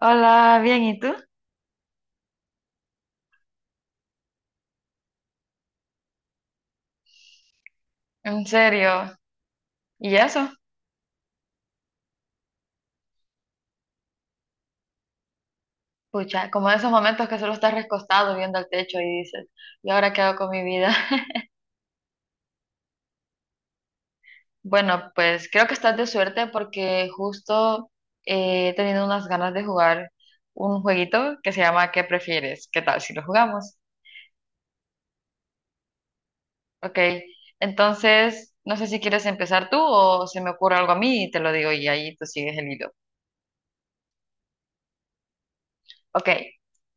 Hola, bien, ¿y tú? ¿En serio? ¿Y eso? Pucha, como esos momentos que solo estás recostado viendo al techo y dices, ¿y ahora qué hago con mi vida? Bueno, pues creo que estás de suerte porque justo he tenido unas ganas de jugar un jueguito que se llama ¿Qué prefieres? ¿Qué tal si lo jugamos? Ok, entonces no sé si quieres empezar tú o se me ocurre algo a mí y te lo digo y ahí tú sigues el hilo. Ok,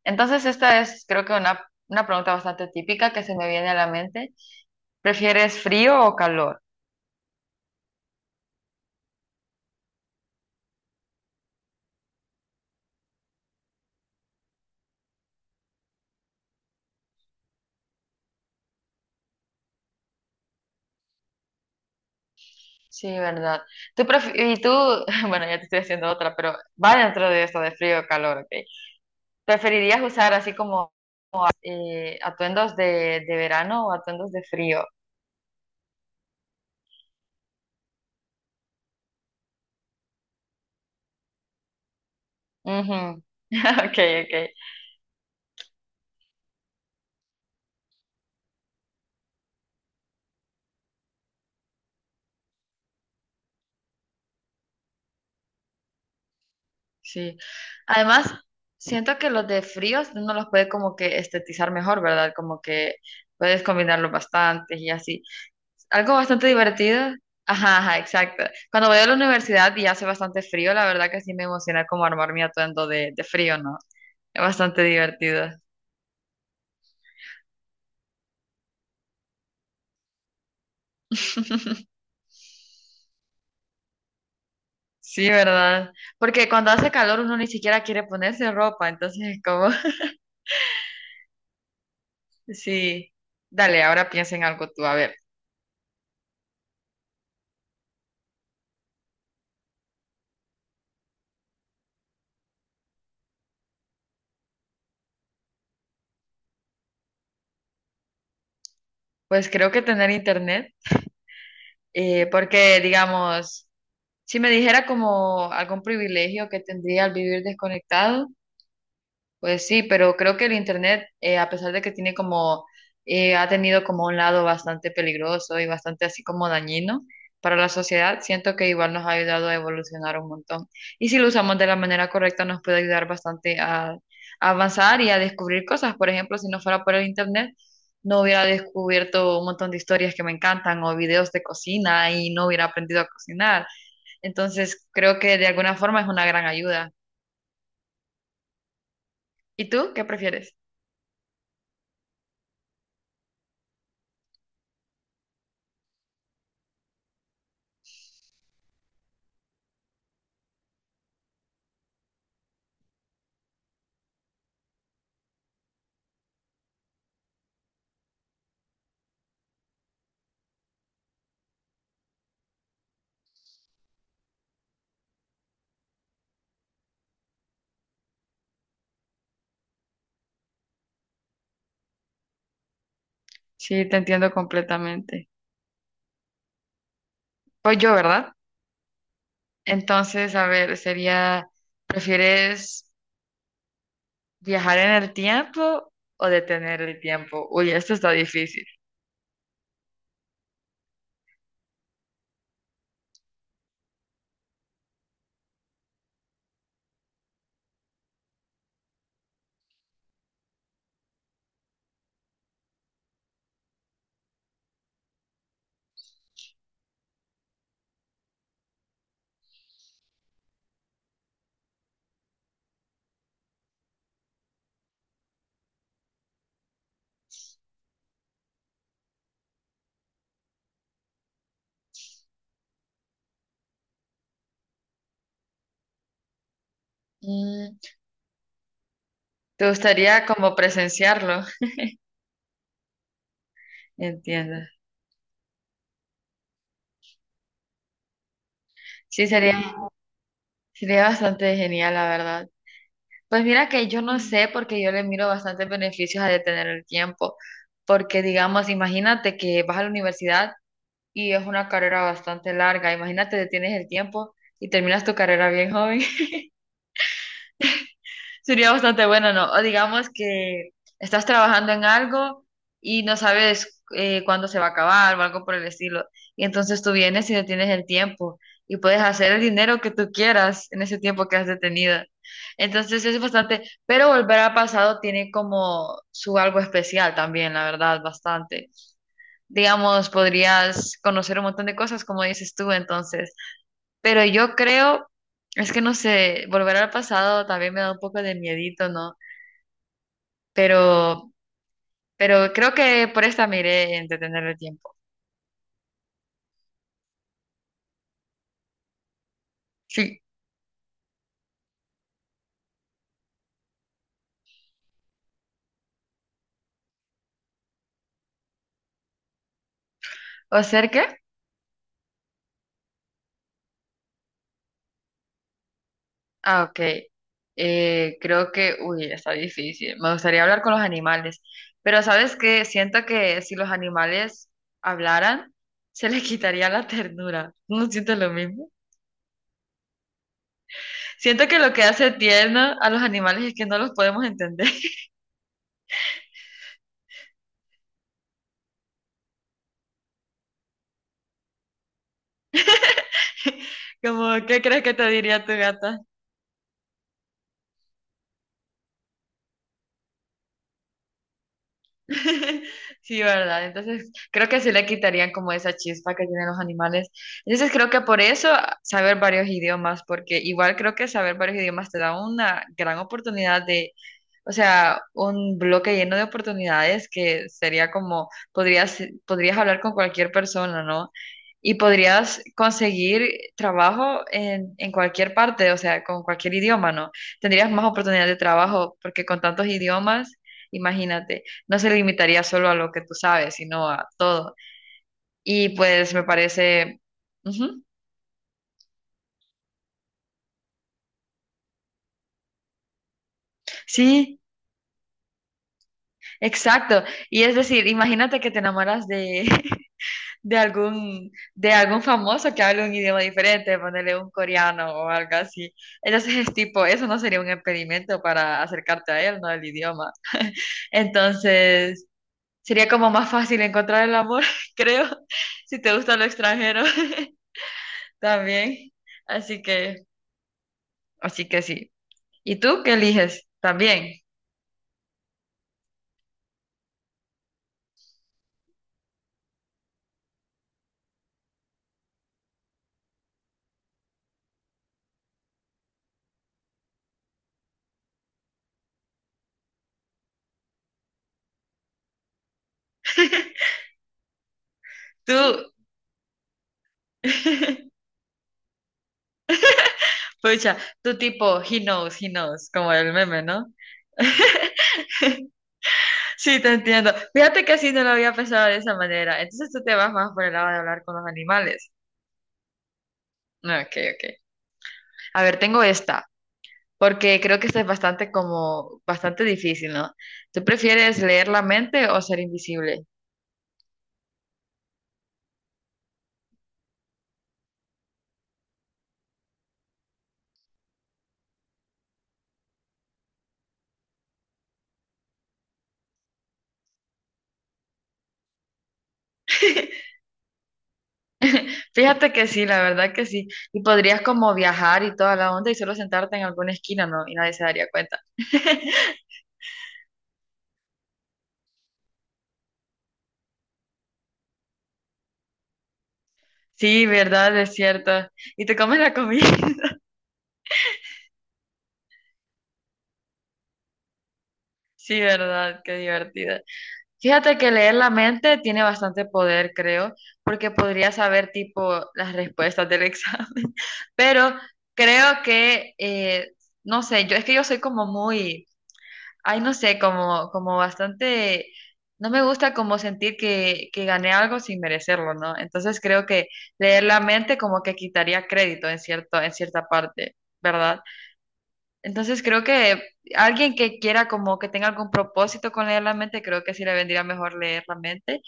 entonces esta es creo que una pregunta bastante típica que se me viene a la mente. ¿Prefieres frío o calor? Sí, verdad. Y tú, bueno, ya te estoy haciendo otra, pero va dentro de esto de frío o calor, ¿ok? ¿Preferirías usar así como atuendos de verano o atuendos de frío? Ujú. Ok, ok. Sí. Además, siento que los de fríos uno los puede como que estetizar mejor, ¿verdad? Como que puedes combinarlos bastante y así. Algo bastante divertido. Ajá, ajá, exacto. Cuando voy a la universidad y hace bastante frío, la verdad que sí me emociona como armar mi atuendo de frío, ¿no? Es bastante divertido. Sí, ¿verdad? Porque cuando hace calor uno ni siquiera quiere ponerse ropa, entonces es como, sí, dale, ahora piensa en algo tú, a ver, pues creo que tener internet, porque digamos, si me dijera como algún privilegio que tendría al vivir desconectado, pues sí, pero creo que el internet, a pesar de que tiene como, ha tenido como un lado bastante peligroso y bastante así como dañino para la sociedad, siento que igual nos ha ayudado a evolucionar un montón. Y si lo usamos de la manera correcta, nos puede ayudar bastante a avanzar y a descubrir cosas. Por ejemplo, si no fuera por el internet, no hubiera descubierto un montón de historias que me encantan o videos de cocina y no hubiera aprendido a cocinar. Entonces, creo que de alguna forma es una gran ayuda. ¿Y tú qué prefieres? Sí, te entiendo completamente. Pues yo, ¿verdad? Entonces, a ver, sería, ¿prefieres viajar en el tiempo o detener el tiempo? Uy, esto está difícil. Mm, ¿te gustaría como presenciarlo? Entiendo. Sí, sería, sería bastante genial, la verdad. Pues mira que yo no sé porque yo le miro bastantes beneficios a detener el tiempo, porque digamos, imagínate que vas a la universidad. Y es una carrera bastante larga. Imagínate, detienes el tiempo y terminas tu carrera bien joven. Sería bastante bueno, ¿no? O digamos que estás trabajando en algo y no sabes cuándo se va a acabar o algo por el estilo. Y entonces tú vienes y detienes el tiempo y puedes hacer el dinero que tú quieras en ese tiempo que has detenido. Entonces es bastante, pero volver al pasado tiene como su algo especial también, la verdad, bastante. Digamos, podrías conocer un montón de cosas, como dices tú, entonces. Pero yo creo, es que no sé, volver al pasado también me da un poco de miedito, ¿no? Pero, pero creo que por esta me iré en detener el tiempo. Sí. ¿O ser qué? Ah, ok. Creo que, uy, está difícil. Me gustaría hablar con los animales. Pero ¿sabes qué? Siento que si los animales hablaran, se les quitaría la ternura. ¿No siento lo mismo? Siento que lo que hace tierno a los animales es que no los podemos entender. Como, ¿qué crees que te diría tu gata? Sí, ¿verdad? Entonces, creo que se le quitarían como esa chispa que tienen los animales. Entonces, creo que por eso saber varios idiomas, porque igual creo que saber varios idiomas te da una gran oportunidad de, o sea, un bloque lleno de oportunidades que sería como, podrías, podrías hablar con cualquier persona, ¿no? Y podrías conseguir trabajo en cualquier parte, o sea, con cualquier idioma, ¿no? Tendrías más oportunidades de trabajo porque con tantos idiomas, imagínate, no se limitaría solo a lo que tú sabes, sino a todo. Y pues me parece... Ujú, sí, exacto. Y es decir, imagínate que te enamoras de, de algún famoso que hable un idioma diferente, ponerle un coreano o algo así. Entonces es tipo, eso no sería un impedimento para acercarte a él, ¿no? El idioma. Entonces sería como más fácil encontrar el amor, creo, si te gusta lo extranjero también. Así que, así que sí. ¿Y tú qué eliges? También. Tú, pucha, tú tipo, he knows, como el meme, ¿no? Sí, te entiendo. Fíjate que así no lo había pensado de esa manera. Entonces tú te vas más por el lado de hablar con los animales. Ah, ok, ok. A ver, tengo esta, porque creo que esta es bastante como, bastante difícil, ¿no? ¿Tú prefieres leer la mente o ser invisible? Fíjate que sí, la verdad que sí. Y podrías como viajar y toda la onda y solo sentarte en alguna esquina, ¿no? Y nadie se daría cuenta. Sí, verdad, es cierto. Y te comes la comida. Sí, verdad, qué divertido. Fíjate que leer la mente tiene bastante poder, creo, porque podría saber tipo las respuestas del examen, pero creo que, no sé, yo es que yo soy como muy, ay, no sé, como, como bastante, no me gusta como sentir que gané algo sin merecerlo, ¿no? Entonces creo que leer la mente como que quitaría crédito en cierto, en cierta parte, ¿verdad? Entonces creo que alguien que quiera como que tenga algún propósito con leer la mente, creo que sí le vendría mejor leer la mente.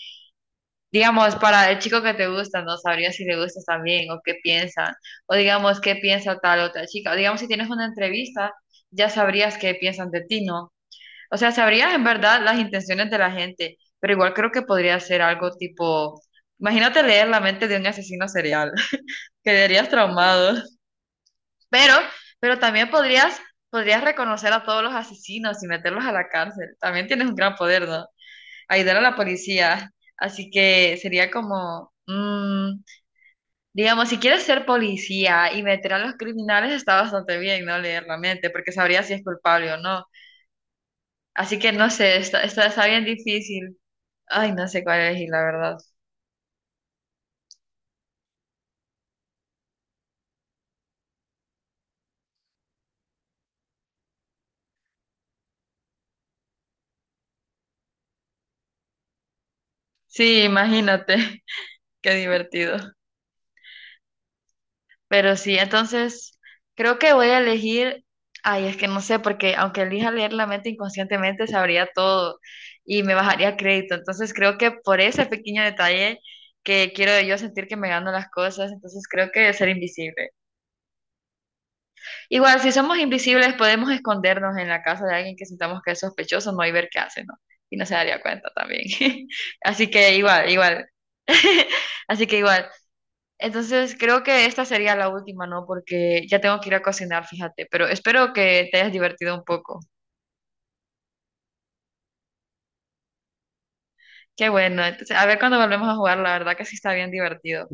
Digamos, para el chico que te gusta, no sabría si le gustas también o qué piensan, o digamos qué piensa tal otra chica. O digamos, si tienes una entrevista, ya sabrías qué piensan de ti, ¿no? O sea, sabrías en verdad las intenciones de la gente, pero igual creo que podría ser algo tipo, imagínate leer la mente de un asesino serial, quedarías traumado. Pero, pero también podrías, podrías reconocer a todos los asesinos y meterlos a la cárcel. También tienes un gran poder, ¿no? Ayudar a la policía. Así que sería como, mm, digamos, si quieres ser policía y meter a los criminales, está bastante bien, ¿no? Leer la mente, porque sabrías si es culpable o no. Así que no sé, está, está, está bien difícil. Ay, no sé cuál elegir, la verdad. Sí, imagínate, qué divertido. Pero sí, entonces creo que voy a elegir, ay, es que no sé, porque aunque elija leer la mente inconscientemente, sabría todo y me bajaría crédito. Entonces creo que por ese pequeño detalle que quiero yo sentir que me gano las cosas, entonces creo que ser invisible. Igual, si somos invisibles, podemos escondernos en la casa de alguien que sintamos que es sospechoso, no y ver qué hace, ¿no? Y no se daría cuenta también. Así que igual, igual. Así que igual. Entonces creo que esta sería la última, ¿no? Porque ya tengo que ir a cocinar, fíjate, pero espero que te hayas divertido un poco. Qué bueno, entonces a ver cuando volvemos a jugar, la verdad que sí está bien divertido.